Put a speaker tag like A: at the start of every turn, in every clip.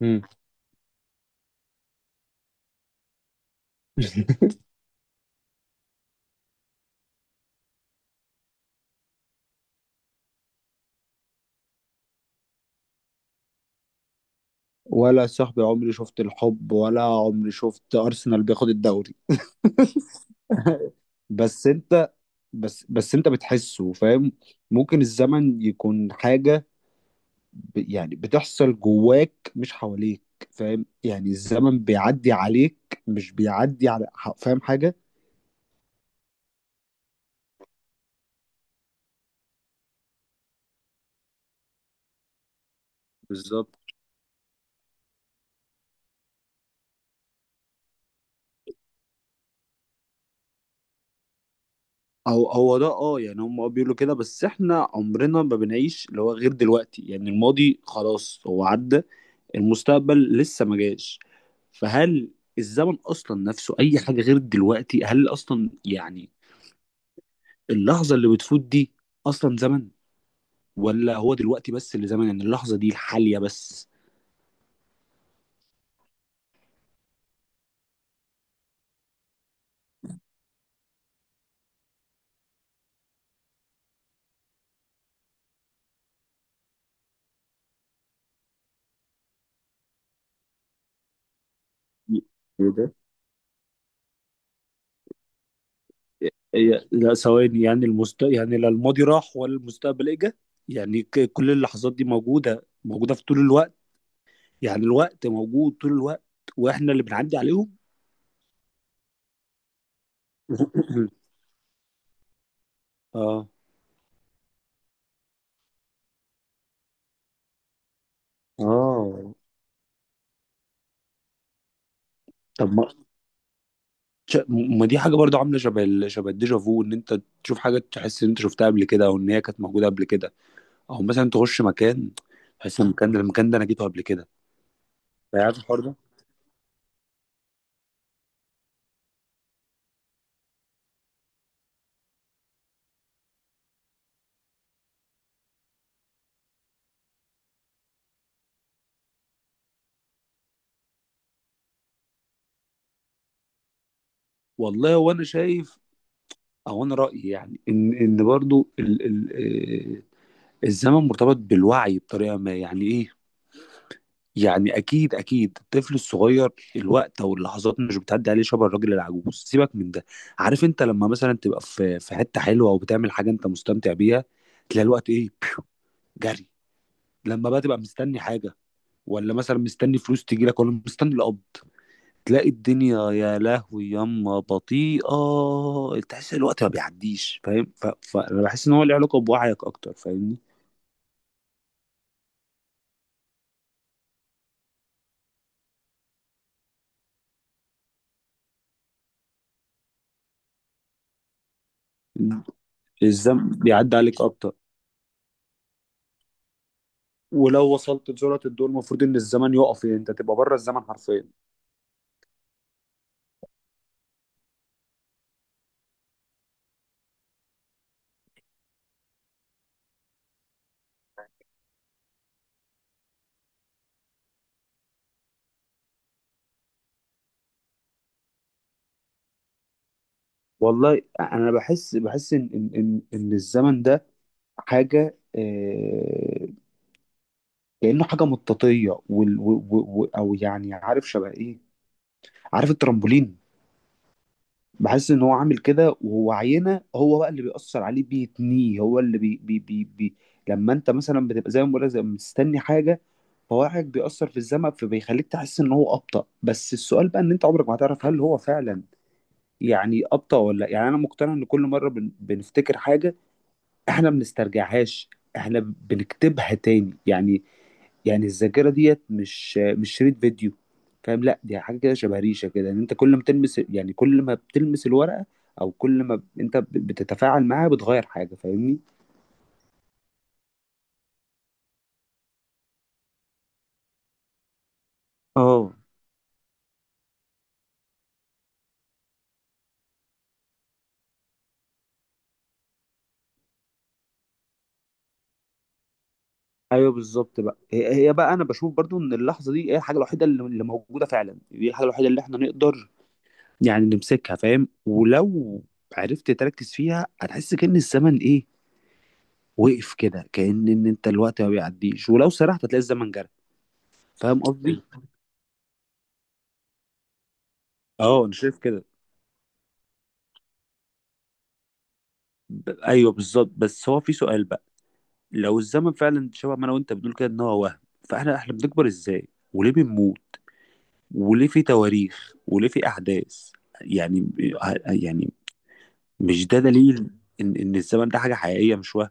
A: مم. ولا صاحبي، عمري شفت الحب ولا عمري شفت ارسنال بياخد الدوري. بس انت بس انت بتحسه، فاهم؟ ممكن الزمن يكون حاجة، يعني بتحصل جواك مش حواليك. فاهم؟ يعني الزمن بيعدي عليك مش بيعدي على فاهم حاجة؟ بالظبط. او هو ده، اه، يعني هم بيقولوا كده، بس احنا عمرنا ما بنعيش اللي هو غير دلوقتي، يعني الماضي خلاص هو عدى، المستقبل لسه ما جاش. فهل الزمن اصلا نفسه اي حاجه غير دلوقتي؟ هل اصلا، يعني، اللحظه اللي بتفوت دي اصلا زمن، ولا هو دلوقتي بس اللي زمن، يعني اللحظه دي الحاليه بس؟ ايه ده! هي لا ثواني، يعني يعني لا الماضي راح ولا المستقبل اجى. يعني كل اللحظات دي موجوده في طول الوقت، يعني الوقت موجود طول الوقت، واحنا اللي بنعدي عليهم. اه، اه. طب، ما دي حاجه برضو عامله شبه شبه الديجا فو، ان انت تشوف حاجه تحس ان انت شفتها قبل كده، او ان هي كانت موجوده قبل كده، او مثلا تخش مكان، تحس إن المكان ده انا جيته قبل كده. عارف الحوار ده؟ والله، هو انا شايف، او انا رايي يعني ان برضو ال ال آه، الزمن مرتبط بالوعي بطريقه ما. يعني ايه؟ يعني اكيد اكيد الطفل الصغير الوقت او اللحظات مش بتعدي عليه شبه الراجل العجوز. سيبك من ده. عارف انت لما مثلا تبقى في حته حلوه وبتعمل حاجه انت مستمتع بيها، تلاقي الوقت ايه؟ جري. لما بقى تبقى مستني حاجه، ولا مثلا مستني فلوس تجي لك، ولا مستني القبض، تلاقي الدنيا يا لهوي ياما بطيئه، تحس الوقت ما بيعديش، فاهم؟ فانا بحس ان هو له علاقه بوعيك اكتر، فاهمني؟ الزمن بيعدي عليك اكتر. ولو وصلت لجرة الدور المفروض ان الزمن يقف، يعني انت تبقى بره الزمن حرفيا. والله انا بحس ان ان إن الزمن ده حاجه، كانه حاجه مطاطيه، وال... و... و... و- او يعني عارف شبه ايه؟ عارف الترامبولين؟ بحس ان هو عامل كده، وهو عينه هو بقى اللي بيأثر عليه بيتنيه، هو اللي بي بي بي بي لما انت مثلا بتبقى زي ما بقول لك، ما مستني حاجه، فهو حاجه بيأثر في الزمن فبيخليك تحس ان هو ابطأ. بس السؤال بقى ان انت عمرك ما هتعرف هل هو فعلا يعني ابطأ ولا لا. يعني انا مقتنع ان كل مره بنفتكر حاجه، احنا ما بنسترجعهاش، احنا بنكتبها تاني. يعني الذاكره ديت مش شريط فيديو، فاهم؟ لا، دي حاجه كده شبه ريشه كده، ان انت كل ما تلمس يعني كل ما بتلمس الورقه، او كل ما انت بتتفاعل معاها بتغير حاجه، فاهمني؟ اه. ايوه، بالظبط. بقى هي بقى انا بشوف برضو ان اللحظه دي هي الحاجه الوحيده اللي موجوده فعلا، دي الحاجه الوحيده اللي احنا نقدر يعني نمسكها، فاهم؟ ولو عرفت تركز فيها هتحس كأن الزمن ايه؟ وقف كده، كأن ان انت الوقت ما بيعديش، ولو سرحت هتلاقي الزمن جرى. فاهم قصدي؟ حلو. اه، انا شايف كده. ايوه بالظبط، بس هو في سؤال بقى: لو الزمن فعلا شبه ما انا وانت بنقول كده ان هو وهم، فاحنا بنكبر ازاي؟ وليه بنموت؟ وليه في تواريخ؟ وليه في احداث؟ يعني، يعني مش ده دليل ان الزمن ده حاجة حقيقية مش وهم؟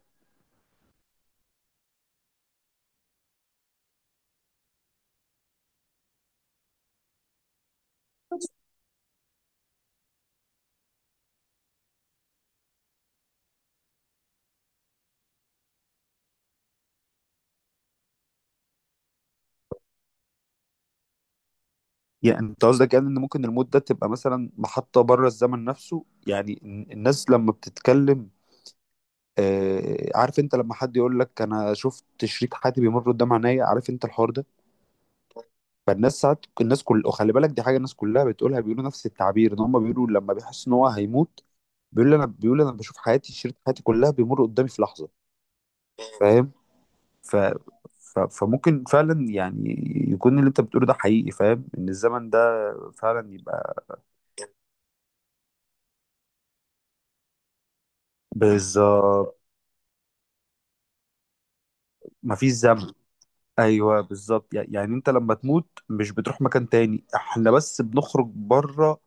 A: يعني انت قصدك يعني ان ممكن الموت ده تبقى مثلا محطة بره الزمن نفسه، يعني الناس لما بتتكلم عارف انت لما حد يقول لك انا شفت شريط حياتي بيمر قدام عينيا، عارف انت الحوار ده؟ فالناس ساعات، الناس كل، وخلي بالك دي حاجه الناس كلها بتقولها، بيقولوا نفس التعبير، ان هم بيقولوا لما بيحس ان هو هيموت بيقول انا بيقول انا بشوف حياتي، شريط حياتي كلها بيمر قدامي في لحظه، فاهم؟ ف... فممكن فعلا يعني يكون اللي انت بتقوله ده حقيقي، فاهم؟ ان الزمن ده فعلا يبقى. بالظبط. مفيش زمن. ايوه بالظبط. يعني انت لما تموت مش بتروح مكان تاني، احنا بس بنخرج بره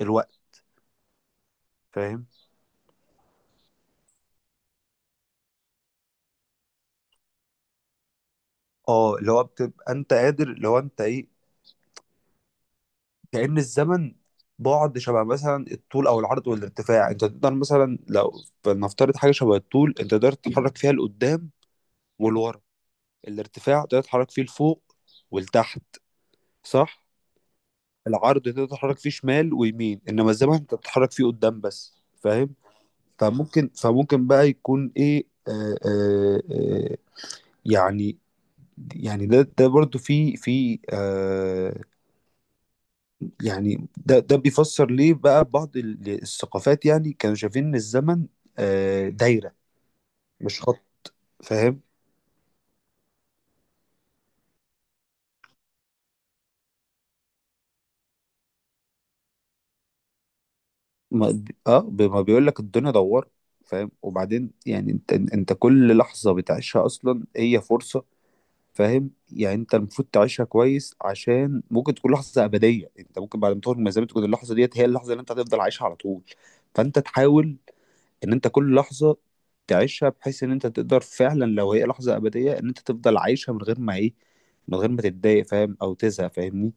A: الوقت، فاهم؟ اه، اللي هو بتبقى انت قادر، اللي هو انت ايه، كأن الزمن بعد شبه مثلا الطول او العرض والارتفاع. انت تقدر مثلا لو فلنفترض حاجه شبه الطول، انت تقدر تتحرك فيها لقدام والورا. الارتفاع تقدر تتحرك فيه لفوق ولتحت، صح؟ العرض تقدر تتحرك فيه شمال ويمين، انما الزمن انت بتتحرك فيه قدام بس، فاهم؟ فممكن بقى يكون ايه، يعني يعني ده برضو في يعني ده بيفسر ليه بقى بعض الثقافات يعني كانوا شايفين ان الزمن دايرة مش خط، فاهم؟ ما اه ب- ما بيقول لك الدنيا دوار، فاهم؟ وبعدين يعني انت كل لحظة بتعيشها اصلا هي فرصة، فاهم؟ يعني انت المفروض تعيشها كويس، عشان ممكن تكون لحظه ابديه. انت ممكن بعد ما تخرج من الزمن تكون اللحظه ديت هي اللحظه اللي انت هتفضل عايشها على طول. فانت تحاول ان انت كل لحظه تعيشها بحيث ان انت تقدر فعلا لو هي لحظه ابديه ان انت تفضل عايشها من غير ما ايه، من غير ما تتضايق، فاهم؟ او تزهق، فاهمني؟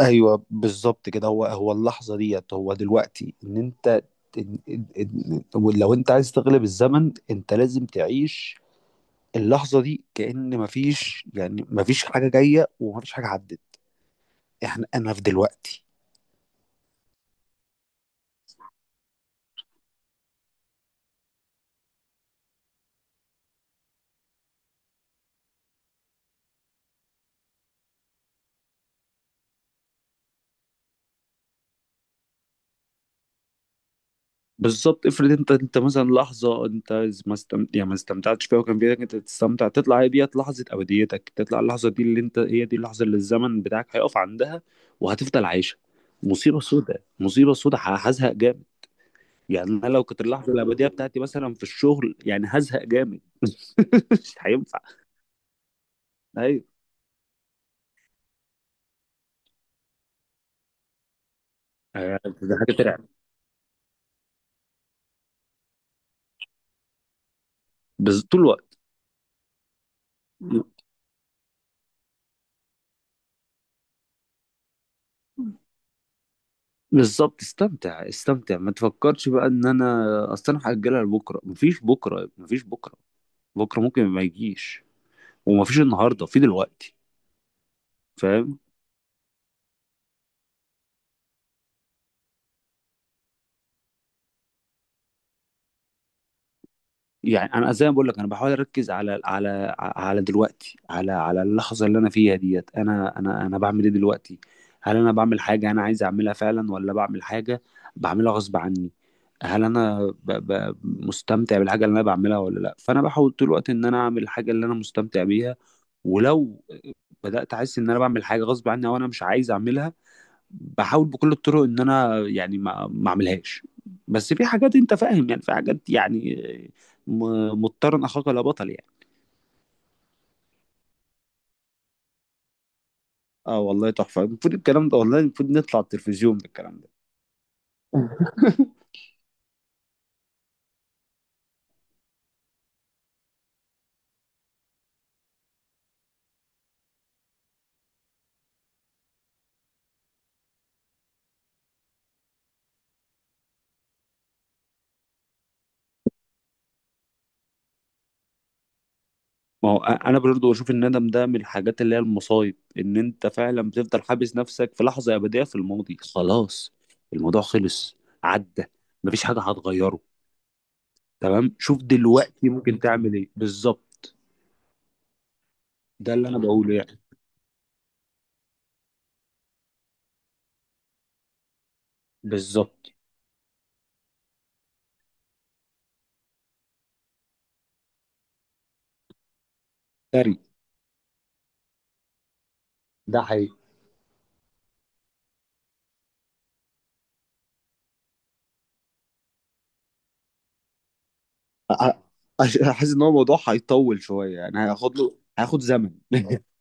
A: ايوه بالظبط كده. هو اللحظه ديت هو دلوقتي. ان انت، إن إن إن لو انت عايز تغلب الزمن انت لازم تعيش اللحظه دي كأن مفيش حاجه جايه ومفيش حاجه عدت. احنا، في دلوقتي. بالظبط. افرض انت مثلا لحظه انت ما استم... يعني ما استمتعتش فيها، وكان في ايدك انت تستمتع، تطلع هي ديت لحظه ابديتك، تطلع اللحظه دي اللي انت، هي دي اللحظه اللي الزمن بتاعك هيقف عندها وهتفضل عايشه. مصيبه سوداء، مصيبه سوداء. هزهق جامد. يعني انا لو كانت اللحظه الابديه بتاعتي مثلا في الشغل، يعني هزهق جامد. مش هينفع. ايوه. ده حاجه ترعب. طول الوقت. بالظبط. استمتع، استمتع، ما تفكرش بقى ان انا، اصل انا هاجلها لبكره. مفيش بكره، مفيش بكره. بكره ممكن ما يجيش، ومفيش النهارده، في دلوقتي، فاهم؟ يعني انا زي ما بقول لك، انا بحاول اركز على دلوقتي، على اللحظه اللي انا فيها ديت. انا، انا بعمل ايه دلوقتي؟ هل انا بعمل حاجه انا عايز اعملها فعلا، ولا بعمل حاجه بعملها غصب عني؟ هل انا مستمتع بالحاجه اللي انا بعملها، ولا لا؟ فانا بحاول طول الوقت ان انا اعمل الحاجه اللي انا مستمتع بيها. ولو بدات احس ان انا بعمل حاجه غصب عني او انا مش عايز اعملها، بحاول بكل الطرق ان انا يعني ما اعملهاش. بس في حاجات انت فاهم، يعني في حاجات يعني مضطر ان اخاك لا بطل يعني. اه والله تحفه، المفروض الكلام ده، والله المفروض نطلع التلفزيون بالكلام ده. ما هو انا برضه بشوف الندم ده من الحاجات اللي هي المصايب، ان انت فعلا بتفضل حابس نفسك في لحظه ابديه في الماضي. خلاص، الموضوع خلص، عدى، مفيش حاجه هتغيره. تمام، شوف دلوقتي ممكن تعمل ايه بالظبط. ده اللي انا بقوله يعني. بالظبط. سري. ده حقيقي. أ- أ- احس ان هو موضوع هيطول شويه، يعني هياخد زمن.